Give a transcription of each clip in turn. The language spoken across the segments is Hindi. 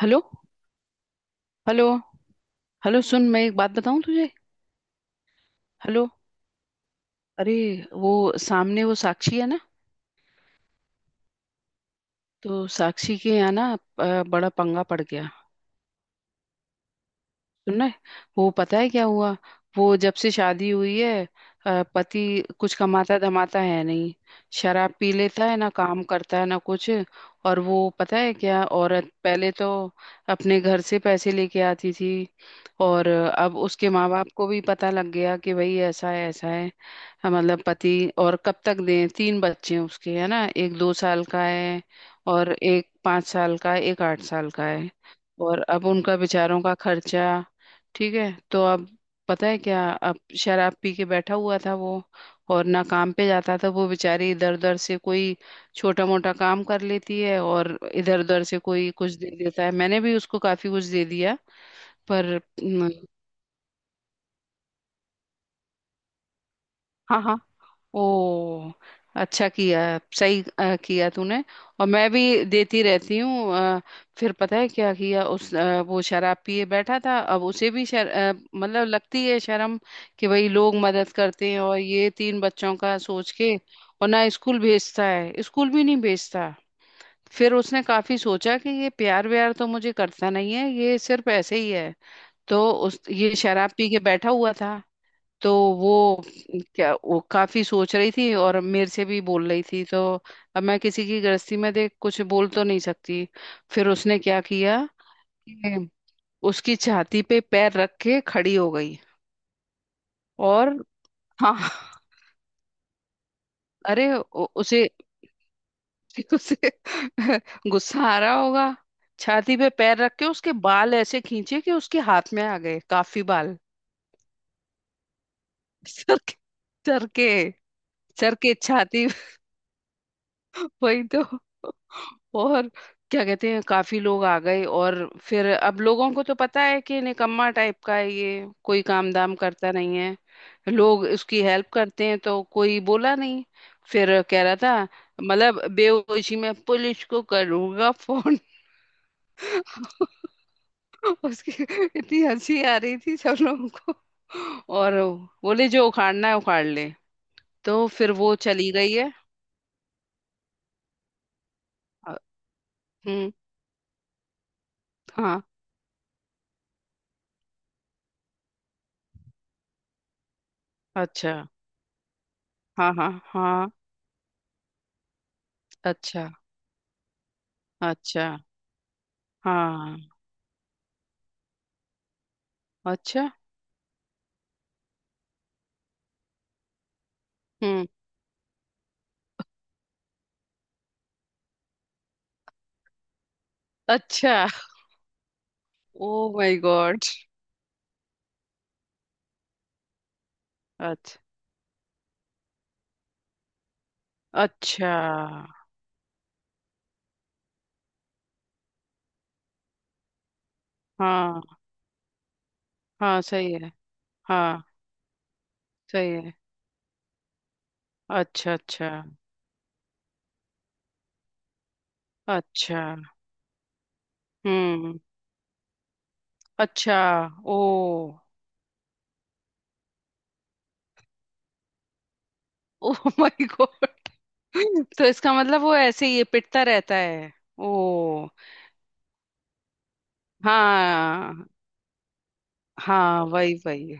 हेलो। हेलो। हेलो, सुन, मैं एक बात बताऊं तुझे। हेलो। अरे, वो सामने वो साक्षी है ना, तो साक्षी के यहाँ ना बड़ा पंगा पड़ गया। सुनना है? वो पता है क्या हुआ? वो जब से शादी हुई है पति कुछ कमाता धमाता है नहीं। शराब पी लेता है, ना काम करता है ना कुछ। और वो पता है क्या, औरत पहले तो अपने घर से पैसे लेके आती थी। और अब उसके माँ बाप को भी पता लग गया कि भाई ऐसा है ऐसा है। हाँ, मतलब पति। और कब तक दें, तीन बच्चे हैं उसके है ना, एक 2 साल का है, और एक 5 साल का है, एक 8 साल का है। और अब उनका बेचारों का खर्चा। ठीक है, तो अब पता है क्या, अब शराब पी के बैठा हुआ था वो। और ना काम पे जाता था, वो बेचारी इधर उधर से कोई छोटा मोटा काम कर लेती है और इधर उधर से कोई कुछ दे देता है। मैंने भी उसको काफी कुछ दे दिया। पर न, हाँ हाँ, ओ, अच्छा किया। सही किया तूने। और मैं भी देती रहती हूँ। फिर पता है क्या किया उस वो शराब पिए बैठा था। अब उसे भी मतलब लगती है शर्म कि भाई लोग मदद करते हैं, और ये तीन बच्चों का सोच के, और ना स्कूल भेजता है, स्कूल भी नहीं भेजता। फिर उसने काफी सोचा कि ये प्यार व्यार तो मुझे करता नहीं है, ये सिर्फ ऐसे ही है। तो उस ये शराब पी के बैठा हुआ था। तो वो, क्या वो काफी सोच रही थी और मेरे से भी बोल रही थी। तो अब मैं किसी की गृहस्थी में देख कुछ बोल तो नहीं सकती। फिर उसने क्या किया कि उसकी छाती पे पैर रख के खड़ी हो गई। और हाँ, अरे उसे उसे गुस्सा आ रहा होगा। छाती पे पैर रख के उसके बाल ऐसे खींचे कि उसके हाथ में आ गए काफी बाल। सर के, सर के, सर के छाती, वही तो। और क्या कहते हैं, काफी लोग आ गए। और फिर अब लोगों को तो पता है कि निकम्मा टाइप का है ये, कोई काम दाम करता नहीं है, लोग उसकी हेल्प करते हैं, तो कोई बोला नहीं। फिर कह रहा था, मतलब बेहोशी में पुलिस को करूंगा फोन। उसकी, इतनी हंसी आ रही थी सब लोगों को। और बोले जो उखाड़ना है उखाड़ ले। तो फिर वो चली गई है। अ, हम्म, हाँ, अच्छा, हाँ हाँ हाँ, अच्छा अच्छा, हाँ, अच्छा, हम्म, अच्छा, ओ माय गॉड, अच्छा अच्छा, हाँ हाँ, सही है, हाँ, सही है, अच्छा अच्छा अच्छा, हम्म, अच्छा, ओ, ओ माय गॉड। तो इसका मतलब वो ऐसे ही ये पिटता रहता है। ओ, हाँ, हाँ वही वही,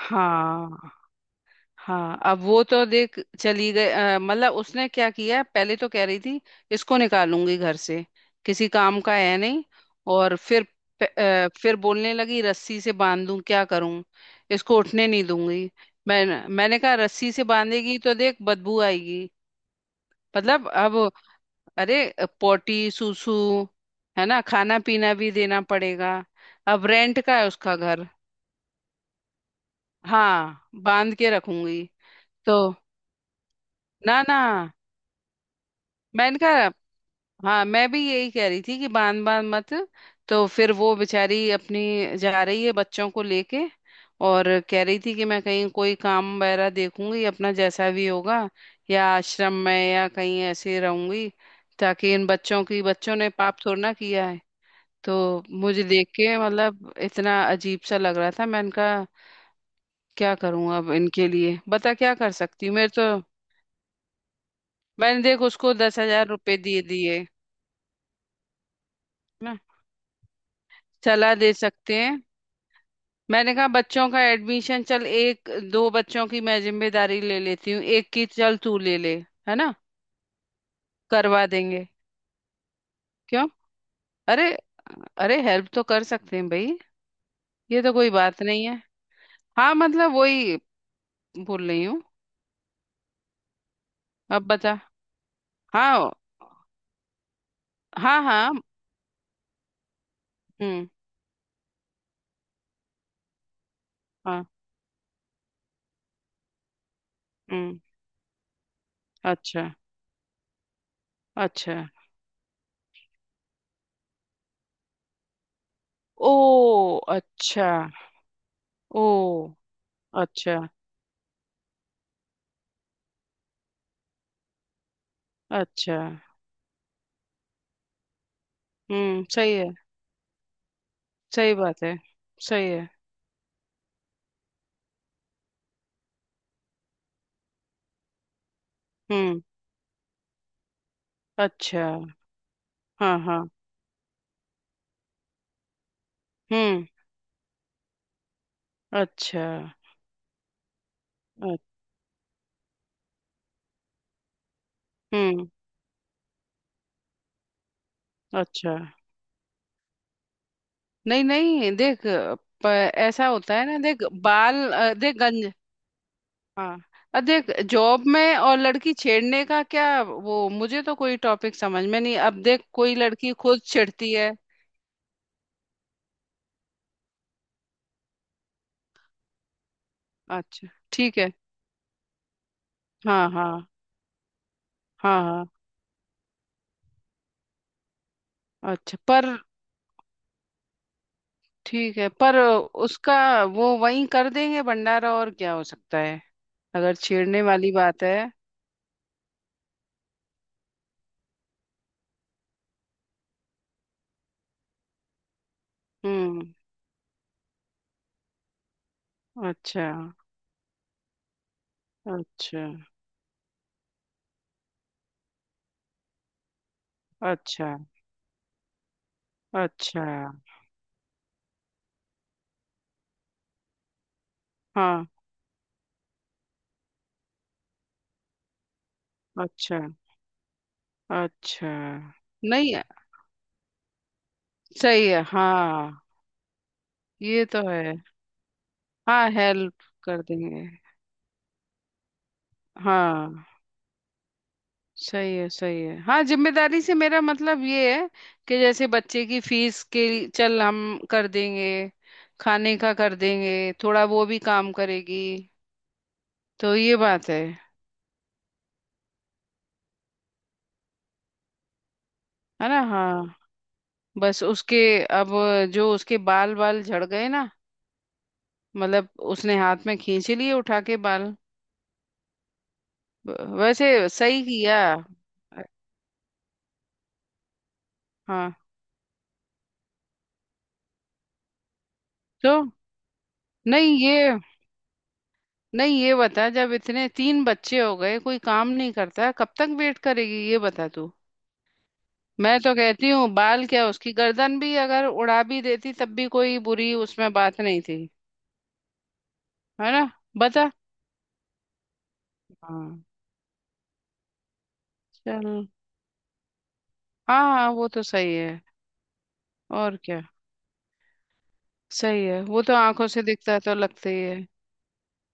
हाँ। हाँ, अब वो तो देख चली गई। मतलब उसने क्या किया, पहले तो कह रही थी इसको निकालूंगी घर से, किसी काम का है नहीं। और फिर फिर बोलने लगी रस्सी से बांध दूं, क्या करूं, इसको उठने नहीं दूंगी। मैंने कहा रस्सी से बांधेगी तो देख बदबू आएगी। मतलब अब, अरे, पोटी सूसू है ना, खाना पीना भी देना पड़ेगा। अब रेंट का है उसका घर। हाँ बांध के रखूंगी। तो ना ना, मैंने कहा, हाँ मैं भी यही कह रही थी कि बांध बांध मत। तो फिर वो बेचारी अपनी जा रही है बच्चों को लेके। और कह रही थी कि मैं कहीं कोई काम वगैरह देखूंगी, अपना जैसा भी होगा, या आश्रम में या कहीं ऐसे रहूंगी, ताकि इन बच्चों ने पाप थोड़ा ना किया है। तो मुझे देख के मतलब इतना अजीब सा लग रहा था। मैंने कहा, क्या करूं अब इनके लिए, बता क्या कर सकती हूँ मेरे तो। मैंने देख उसको 10,000 रुपये दिए दिए ना, सलाह दे सकते हैं। मैंने कहा बच्चों का एडमिशन, चल एक दो बच्चों की मैं जिम्मेदारी ले लेती हूँ, एक की चल तू ले ले, है ना, करवा देंगे। क्यों, अरे, अरे, हेल्प तो कर सकते हैं भाई, ये तो कोई बात नहीं है। हाँ, मतलब वही बोल रही हूँ, अब बता। हाँ हाँ हाँ, हम्म, हाँ, हम्म, अच्छा, अच्छा, ओ, अच्छा, ओ, अच्छा, अच्छा, हम्म, सही है, सही बात है, सही है, हम्म, अच्छा, हाँ हाँ, हम्म, अच्छा, अ- हम्म, अच्छा, नहीं नहीं, देख प- ऐसा होता है ना, देख बाल, देख गंज। हाँ, देख जॉब में और लड़की छेड़ने का क्या, वो मुझे तो कोई टॉपिक समझ में नहीं। अब देख, कोई लड़की खुद छेड़ती है। अच्छा, ठीक है, हाँ हाँ, हाँ, हाँ, अच्छा पर, ठीक है, पर उसका, वो वहीं कर देंगे भंडारा और क्या हो सकता है, अगर छेड़ने वाली बात है। हम्म, अच्छा, अच्छा, अच्छा, अच्छा, हाँ, अच्छा, अच्छा, नहीं, सही है, हाँ, ये तो है, हाँ हेल्प कर देंगे। हाँ, सही है सही है, हाँ जिम्मेदारी से मेरा मतलब ये है कि जैसे बच्चे की फीस के लिए- चल हम कर देंगे, खाने का कर देंगे, थोड़ा वो भी काम करेगी, तो ये बात है ना। हाँ, बस उसके, अब जो उसके बाल बाल झड़ गए ना, मतलब उसने हाथ में खींच लिए उठा के बाल। व- वैसे सही किया। हाँ, तो नहीं ये, नहीं ये बता, जब इतने तीन बच्चे हो गए कोई काम नहीं करता, कब तक वेट करेगी, ये बता तू। मैं तो कहती हूँ बाल क्या, उसकी गर्दन भी अगर उड़ा भी देती तब भी कोई बुरी उसमें बात नहीं थी। है ना, बता। हाँ, चल, हाँ हाँ, वो तो सही है, और क्या। सही है, वो तो आंखों से दिखता है तो लगता ही है।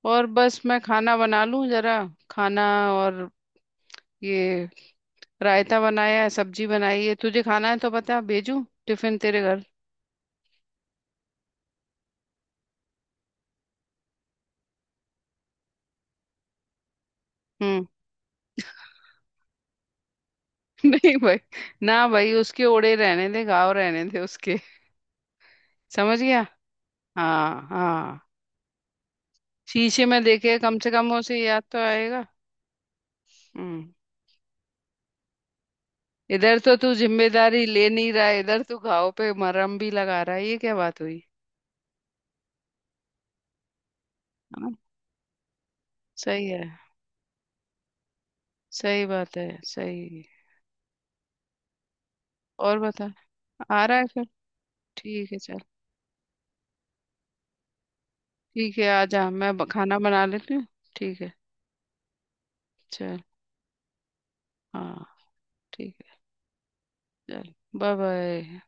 और बस मैं खाना बना लूं जरा, खाना, और ये रायता बनाया है, सब्जी बनाई है, तुझे खाना है तो बता, भेजू टिफिन तेरे घर। हम्म। नहीं भाई, ना भाई, उसके ओड़े रहने दे, गाँव रहने दे उसके। समझ गया, हाँ हाँ। शीशे में देखे कम से कम उसे याद तो आएगा। हम्म, इधर तो तू जिम्मेदारी ले नहीं रहा है, इधर तू घाव पे मरहम भी लगा रहा है, ये क्या बात हुई। हाँ, सही है, सही बात है सही। और बता, आ रहा है फिर। ठीक है, चल, ठीक है, आ जा, मैं खाना बना लेती हूँ। ठीक है, चल, हाँ, ठीक, चल, बाय बाय।